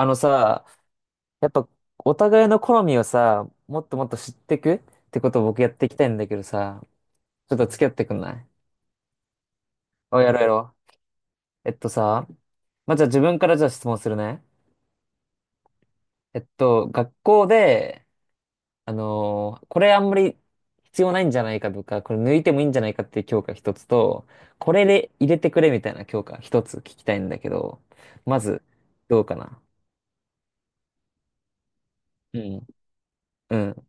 あのさ、やっぱお互いの好みをさ、もっともっと知ってくってことを僕やっていきたいんだけどさ、ちょっと付き合ってくんない？お、やろうやろう。えっとさ、まあ、じゃあ自分からじゃあ質問するね。学校で、これあんまり必要ないんじゃないかとか、これ抜いてもいいんじゃないかっていう教科一つと、これで入れてくれみたいな教科一つ聞きたいんだけど、まず、どうかな？うん。うん。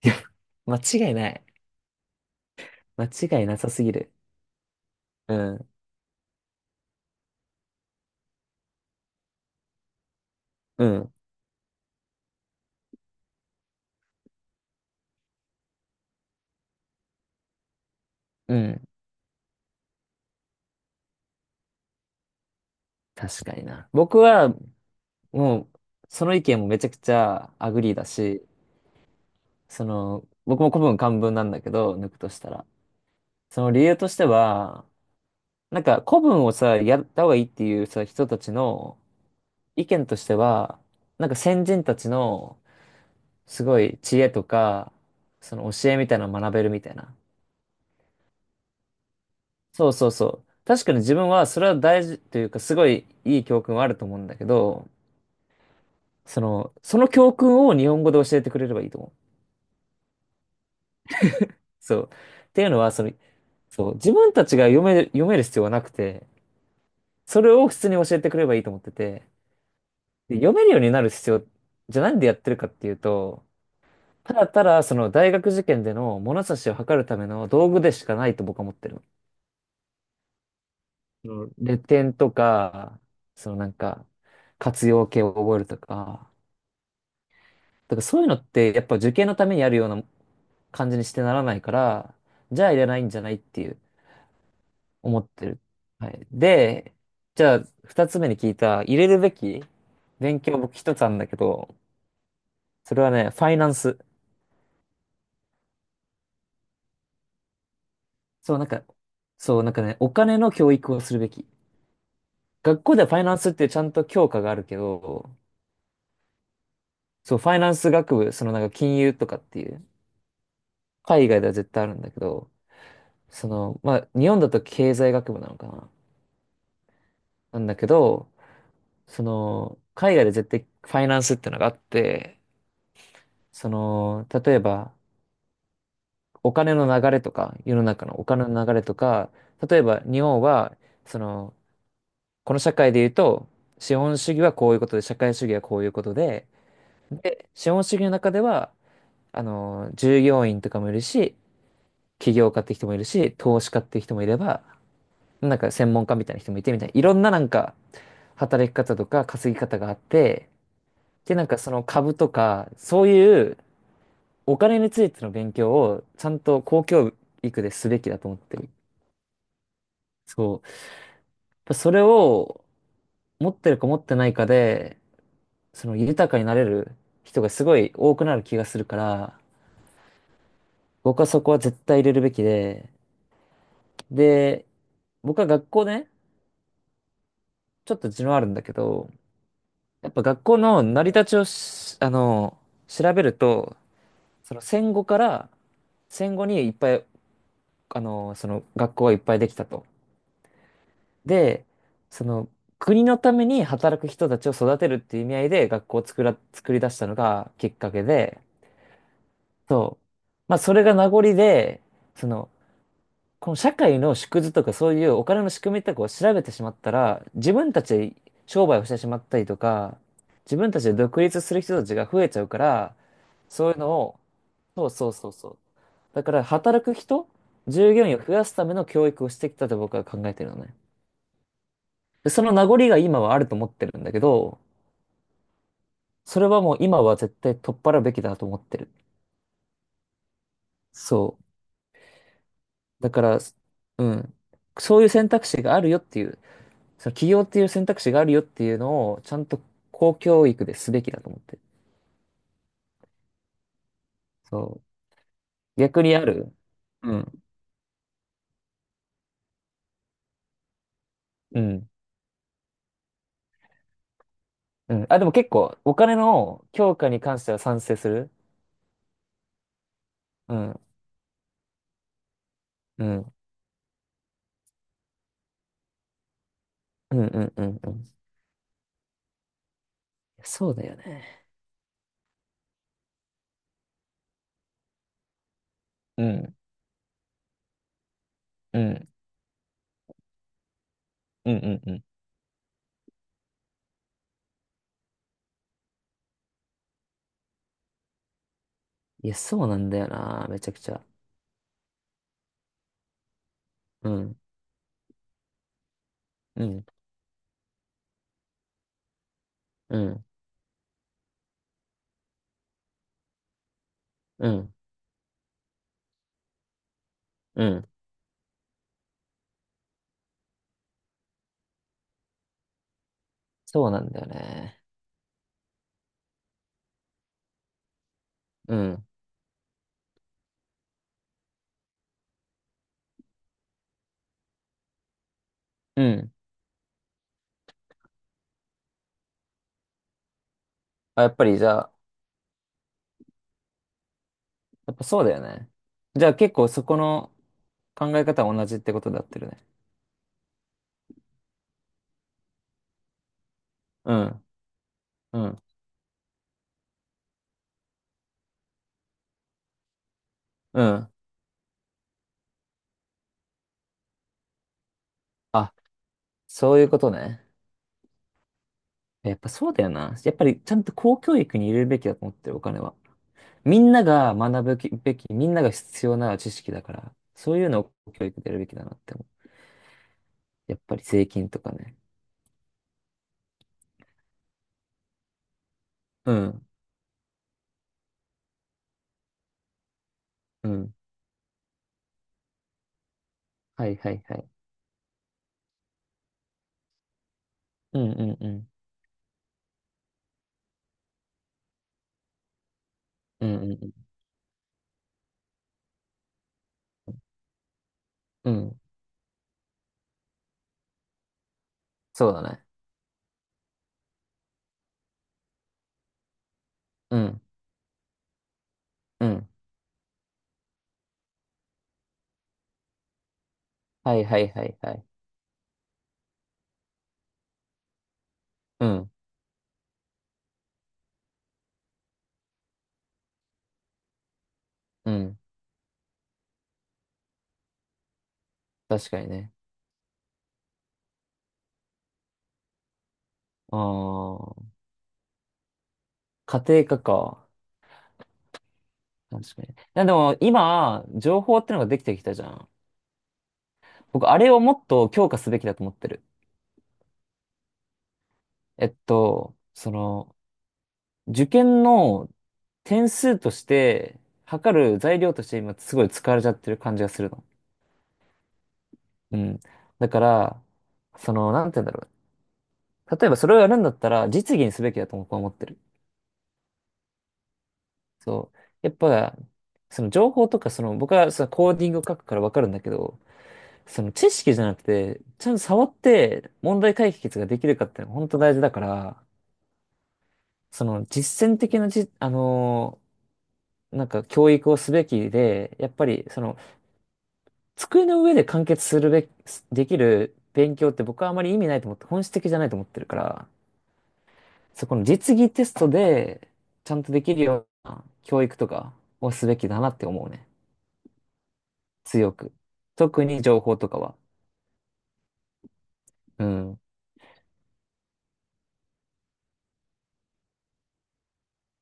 間違いない。間違いなさすぎる。うん。うん。うん。確かにな。僕は、もう、その意見もめちゃくちゃアグリーだし、その、僕も古文漢文なんだけど、抜くとしたら。その理由としては、古文をさ、やった方がいいっていうさ、人たちの意見としては、先人たちのすごい知恵とか、その教えみたいなのを学べるみたいな。そうそうそう。確かに自分はそれは大事というか、すごいいい教訓はあると思うんだけど、その、その教訓を日本語で教えてくれればいいと思う。そう。っていうのは、その、そう、自分たちが読める、読める必要はなくて、それを普通に教えてくれればいいと思ってて、で、読めるようになる必要、じゃあなんでやってるかっていうと、ただただその大学受験での物差しを測るための道具でしかないと僕は思ってる。うん、レ点とか、そのなんか、活用形を覚えるとか、だからそういうのってやっぱ受験のためにあるような感じにしてならないから、じゃあいらないんじゃないっていう。思ってる。はい。で、じゃあ、二つ目に聞いた、入れるべき勉強僕一つあるんだけど、それはね、ファイナンス。そう、なんか、そう、なんかね、お金の教育をするべき。学校ではファイナンスってちゃんと教科があるけど、そう、ファイナンス学部、金融とかっていう、海外では絶対あるんだけど、その、まあ、日本だと経済学部なのかななんだけど、その、海外で絶対ファイナンスってのがあって、その、例えば、お金の流れとか、世の中のお金の流れとか、例えば日本は、その、この社会で言うと、資本主義はこういうことで、社会主義はこういうことで、資本主義の中では、従業員とかもいるし、起業家って人もいるし、投資家って人もいれば、専門家みたいな人もいてみたいな、いろんな働き方とか稼ぎ方があって、で、その株とか、そういうお金についての勉強をちゃんと公教育ですべきだと思ってる。そう。それを持ってるか持ってないかで、その豊かになれる人がすごい多くなる気がするから、僕はそこは絶対入れるべきで、で、僕は学校ね、ちょっと地のあるんだけど、やっぱ学校の成り立ちをしあの、調べると、その戦後から、戦後にいっぱい、その学校がいっぱいできたと。で、その国のために働く人たちを育てるっていう意味合いで学校を作ら、作り出したのがきっかけで、そう。まあ、それが名残で、その、この社会の縮図とかそういうお金の仕組みとかを調べてしまったら、自分たちで商売をしてしまったりとか、自分たちで独立する人たちが増えちゃうから、そういうのを、そうそうそうそう。だから、働く人、従業員を増やすための教育をしてきたと僕は考えてるのね。で、その名残が今はあると思ってるんだけど、それはもう今は絶対取っ払うべきだと思ってる。そう。だから、うん。そういう選択肢があるよっていう、その起業っていう選択肢があるよっていうのを、ちゃんと公教育ですべきだと思ってる。そう。逆にあるうん。うん。うん。あ、でも結構、お金の強化に関しては賛成する。うん。うん。うんうんうんうん。そうだよね。うん。うん。うんうんうん。いや、そうなんだよな。めちゃくちゃ。うん。うん。うん。うん。うん。そうなんだよね。うん。うん。あ、やっぱりじゃあ、やっぱそうだよね。じゃあ結構そこの考え方は同じってことだってるね。うん、うん、うん。あ、そういうことね。やっぱそうだよな。やっぱりちゃんと公教育に入れるべきだと思ってる、お金は。みんなが学ぶきべき、みんなが必要な知識だから、そういうのを公教育でやるべきだなって思う。やっぱり税金とかね。うん、うん。はいはいはい。うんうんうん。うんうんうん。うん。そうだね。うん、うん。はいはいはいはい。うん、うん。確かにね。ああ、家庭科か。確かに。いやでも今、情報ってのができてきたじゃん。僕、あれをもっと強化すべきだと思ってる。その、受験の点数として、測る材料として今すごい使われちゃってる感じがするの。うん。だから、その、なんて言うんだろう。例えばそれをやるんだったら、実技にすべきだと僕は思ってる。そう。やっぱ、その情報とか、その、僕はそのコーディングを書くからわかるんだけど、その知識じゃなくて、ちゃんと触って問題解決ができるかっていうのが本当大事だから、その実践的なじ、あのー教育をすべきで、やっぱりその机の上で完結するべき、できる勉強って僕はあまり意味ないと思って、本質的じゃないと思ってるから、そこの実技テストでちゃんとできるような教育とかをすべきだなって思うね。強く。特に情報とかは。うん。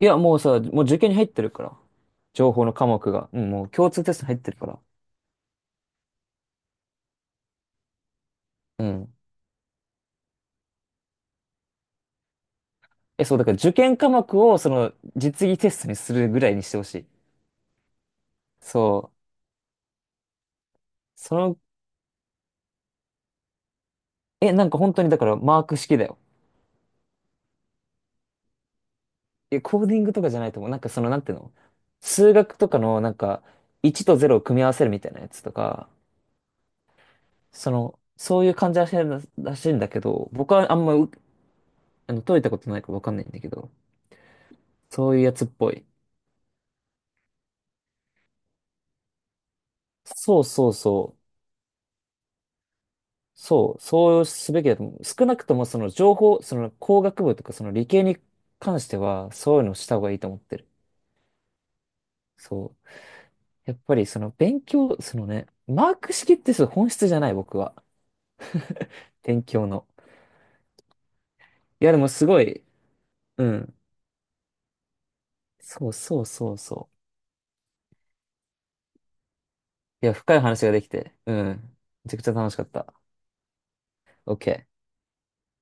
いや、もうさ、もう受験に入ってるから。情報の科目が。うん、もう共通テストに入ってるから。うん。え、そう、だから受験科目を、その、実技テストにするぐらいにしてほしい。そう。その、え、なんか本当にだからマーク式だよ。え、コーディングとかじゃないと思う。なんていうの？数学とかの、なんか、1と0を組み合わせるみたいなやつとか、その、そういう感じらしいらしいんだけど、僕はあんまう、あの、解いたことないからわかんないんだけど、そういうやつっぽい。そうそうそう。そう、そうすべきだと思う。少なくともその情報、その工学部とかその理系に関しては、そういうのをした方がいいと思ってる。そう。やっぱりその勉強、そのね、マーク式ってそう本質じゃない、僕は。勉強の。いや、でもすごい、うん。そうそうそうそう。いや、深い話ができて、うん。めちゃくちゃ楽しかった。OK。